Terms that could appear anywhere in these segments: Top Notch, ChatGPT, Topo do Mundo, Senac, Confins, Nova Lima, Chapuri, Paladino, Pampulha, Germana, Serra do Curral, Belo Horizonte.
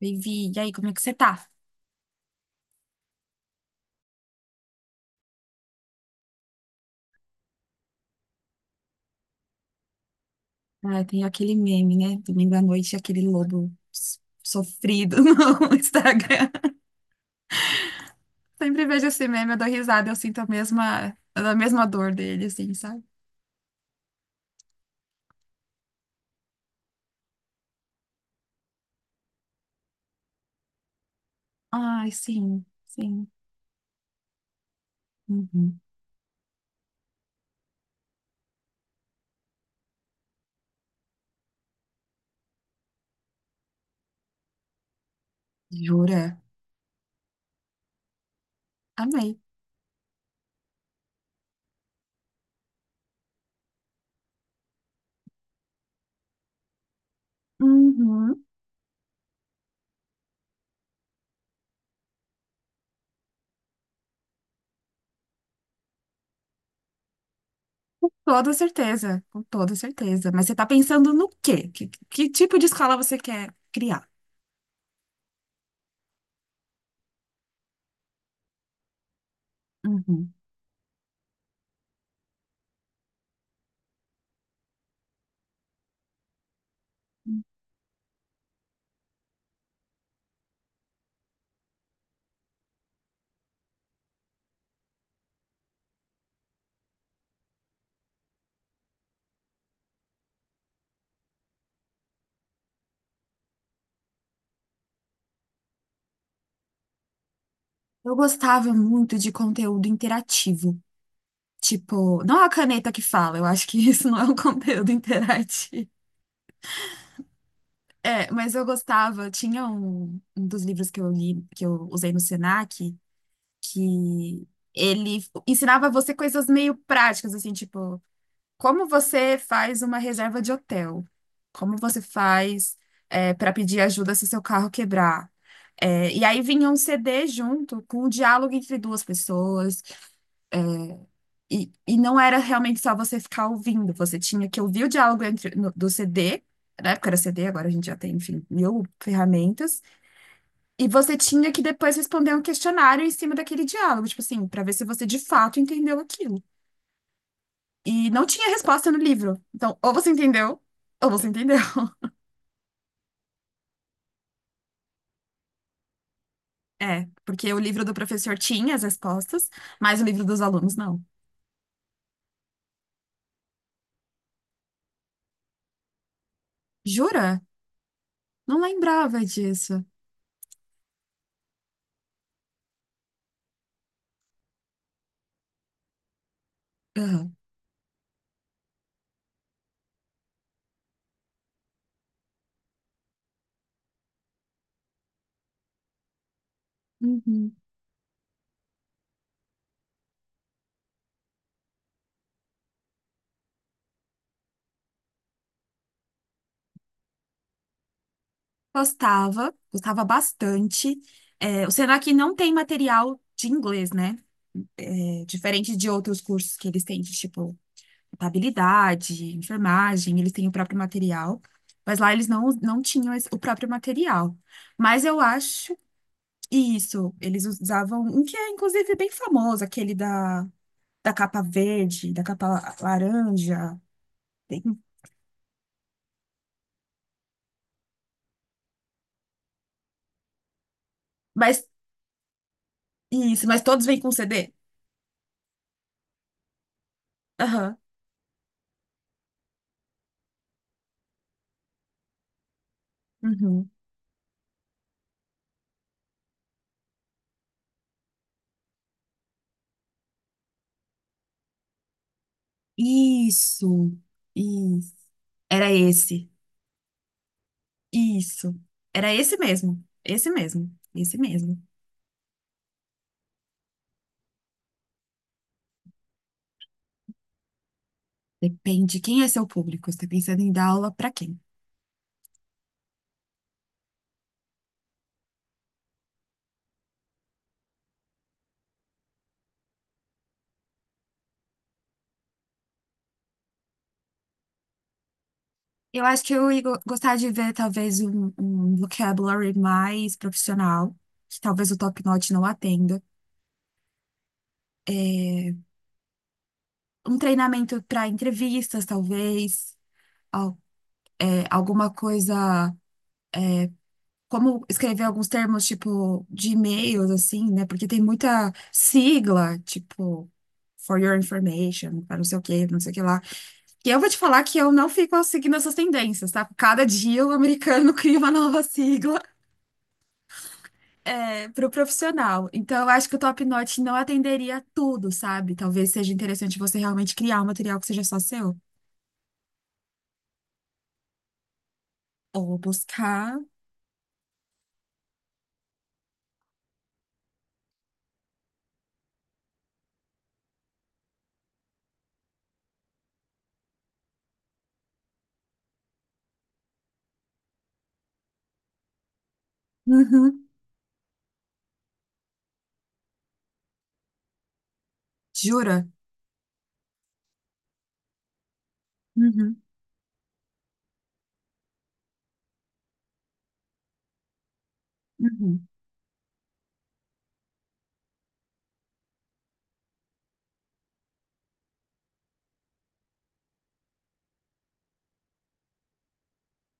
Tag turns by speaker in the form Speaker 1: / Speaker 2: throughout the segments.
Speaker 1: Vivi, e aí, como é que você tá? Ah, tem aquele meme, né? Domingo à noite, aquele lobo sofrido no Instagram. Sempre vejo esse meme, eu dou risada, eu sinto a mesma dor dele, assim, sabe? Ai, sim, sim. Uhum. Jura? Amei. Uhum. Com toda certeza, com toda certeza. Mas você tá pensando no quê? Que tipo de escola você quer criar? Uhum. Eu gostava muito de conteúdo interativo. Tipo, não é a caneta que fala, eu acho que isso não é um conteúdo interativo. É, mas eu gostava, tinha um dos livros que eu li, que eu usei no Senac, que ele ensinava você coisas meio práticas, assim, tipo, como você faz uma reserva de hotel? Como você faz para pedir ajuda se seu carro quebrar? É, e aí vinha um CD junto com o diálogo entre duas pessoas. E não era realmente só você ficar ouvindo, você tinha que ouvir o diálogo entre, do CD, na época era CD, agora a gente já tem, enfim, mil ferramentas, e você tinha que depois responder um questionário em cima daquele diálogo, tipo assim, para ver se você de fato entendeu aquilo. E não tinha resposta no livro. Então, ou você entendeu, ou você entendeu. É, porque o livro do professor tinha as respostas, mas o livro dos alunos não. Jura? Não lembrava disso. Aham. Uhum. Gostava, gostava bastante. É, o Senac não tem material de inglês, né? É, diferente de outros cursos que eles têm, de, tipo, contabilidade, enfermagem, eles têm o próprio material. Mas lá eles não tinham o próprio material. Mas eu acho que isso, eles usavam um que é, inclusive, bem famoso, aquele da, da capa verde, da capa laranja. Tem- Mas isso, mas todos vêm com CD? Aham. Uhum. Isso, isso. Era esse. Isso. Era esse mesmo. Esse mesmo. Esse mesmo. Depende quem é seu público. Você tá pensando em dar aula para quem? Eu acho que eu ia gostar de ver talvez um, um vocabulary mais profissional, que talvez o Top Notch não atenda. Um treinamento para entrevistas, talvez. Al- Alguma coisa como escrever alguns termos, tipo, de e-mails, assim, né? Porque tem muita sigla, tipo, for your information, para não sei o quê, não sei o que lá. E eu vou te falar que eu não fico seguindo essas tendências, tá? Cada dia o americano cria uma nova sigla, é, para o profissional. Então, eu acho que o Top Notch não atenderia tudo, sabe? Talvez seja interessante você realmente criar um material que seja só seu. Ou buscar. Uhum. Jura? Uhum. Uhum.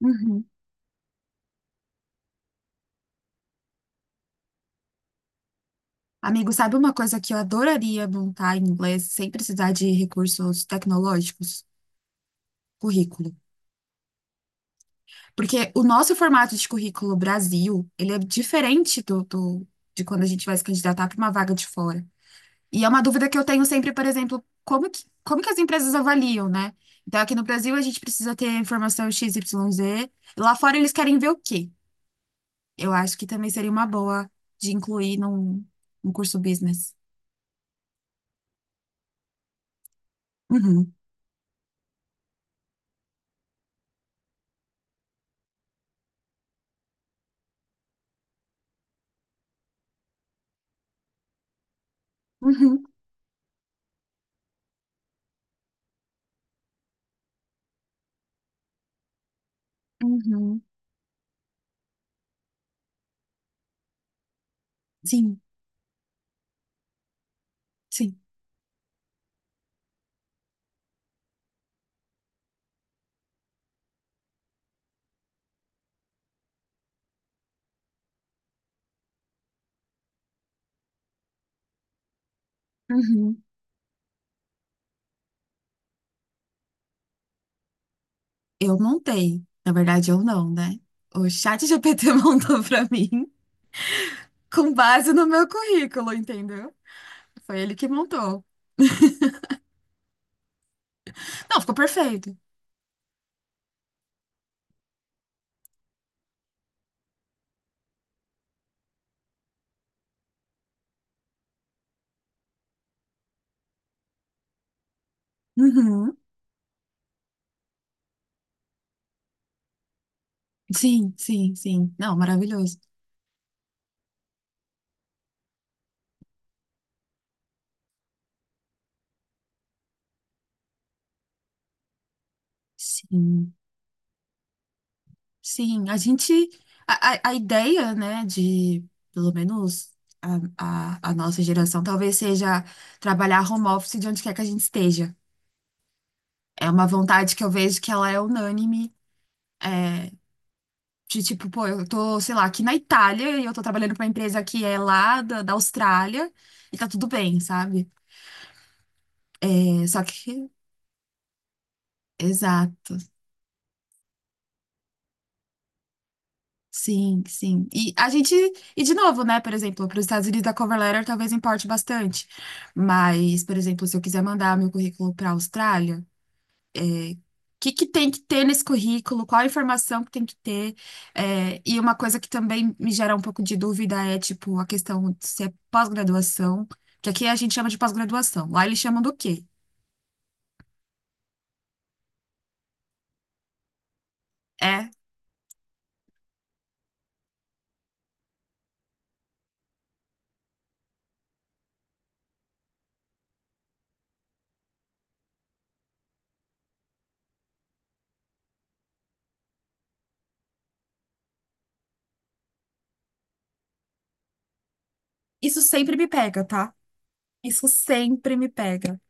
Speaker 1: Uhum. Amigo, sabe uma coisa que eu adoraria montar em inglês sem precisar de recursos tecnológicos? Currículo. Porque o nosso formato de currículo Brasil, ele é diferente do de quando a gente vai se candidatar para uma vaga de fora. E é uma dúvida que eu tenho sempre, por exemplo, como que as empresas avaliam, né? Então, aqui no Brasil, a gente precisa ter a informação XYZ. Lá fora, eles querem ver o quê? Eu acho que também seria uma boa de incluir num, num curso business. Uhum, uhum, uhum. Sim. Sim. Uhum. Eu montei. Na verdade, eu não, né? O chat GPT montou pra mim com base no meu currículo, entendeu? Foi ele que montou. Não, ficou perfeito. Uhum. Sim, sim, sim. Não, maravilhoso. Sim, sim. A gente. A ideia, né, de, pelo menos, a nossa geração, talvez seja trabalhar home office de onde quer que a gente esteja. É uma vontade que eu vejo que ela é unânime. É, de tipo, pô, eu tô, sei lá, aqui na Itália e eu tô trabalhando pra uma empresa que é lá da Austrália e tá tudo bem, sabe? É, só que. Exato. Sim, sim. E a gente. E de novo, né? Por exemplo, para os Estados Unidos a cover letter talvez importe bastante. Mas, por exemplo, se eu quiser mandar meu currículo para a Austrália. O que que tem que ter nesse currículo, qual a informação que tem que ter. É, e uma coisa que também me gera um pouco de dúvida é, tipo, a questão de se é pós-graduação, que aqui a gente chama de pós-graduação, lá eles chamam do quê? É, isso sempre me pega, tá? Isso sempre me pega.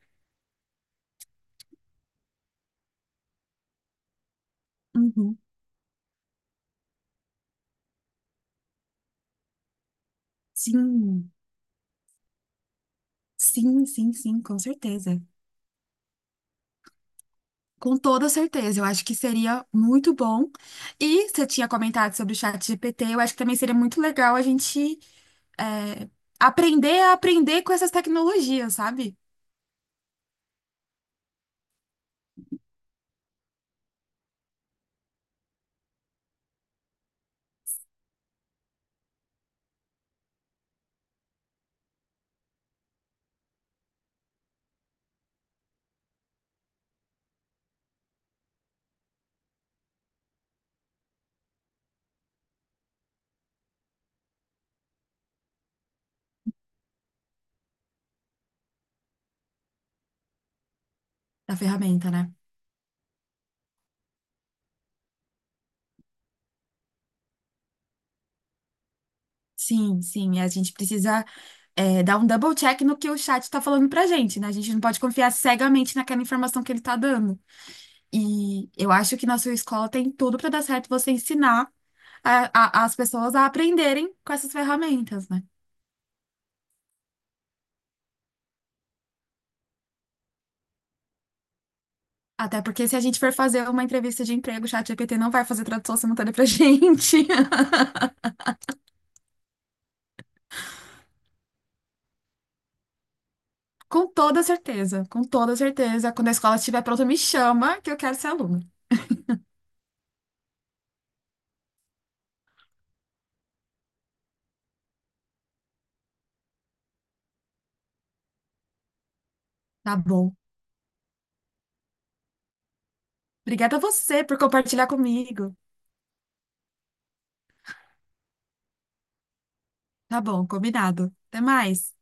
Speaker 1: Uhum. Sim, sim, sim, sim, com certeza. Com toda certeza, eu acho que seria muito bom. E você tinha comentado sobre o chat GPT, eu acho que também seria muito legal a gente é, aprender a aprender com essas tecnologias, sabe? Da ferramenta, né? Sim, sim. A gente precisa, é, dar um double check no que o chat está falando pra gente, né? A gente não pode confiar cegamente naquela informação que ele tá dando. E eu acho que na sua escola tem tudo para dar certo você ensinar a- as pessoas a aprenderem com essas ferramentas, né? Até porque se a gente for fazer uma entrevista de emprego, o chat ChatGPT não vai fazer tradução simultânea pra gente. Com toda certeza, com toda certeza. Quando a escola estiver pronta, me chama que eu quero ser aluna. Tá bom. Obrigada a você por compartilhar comigo. Tá bom, combinado. Até mais.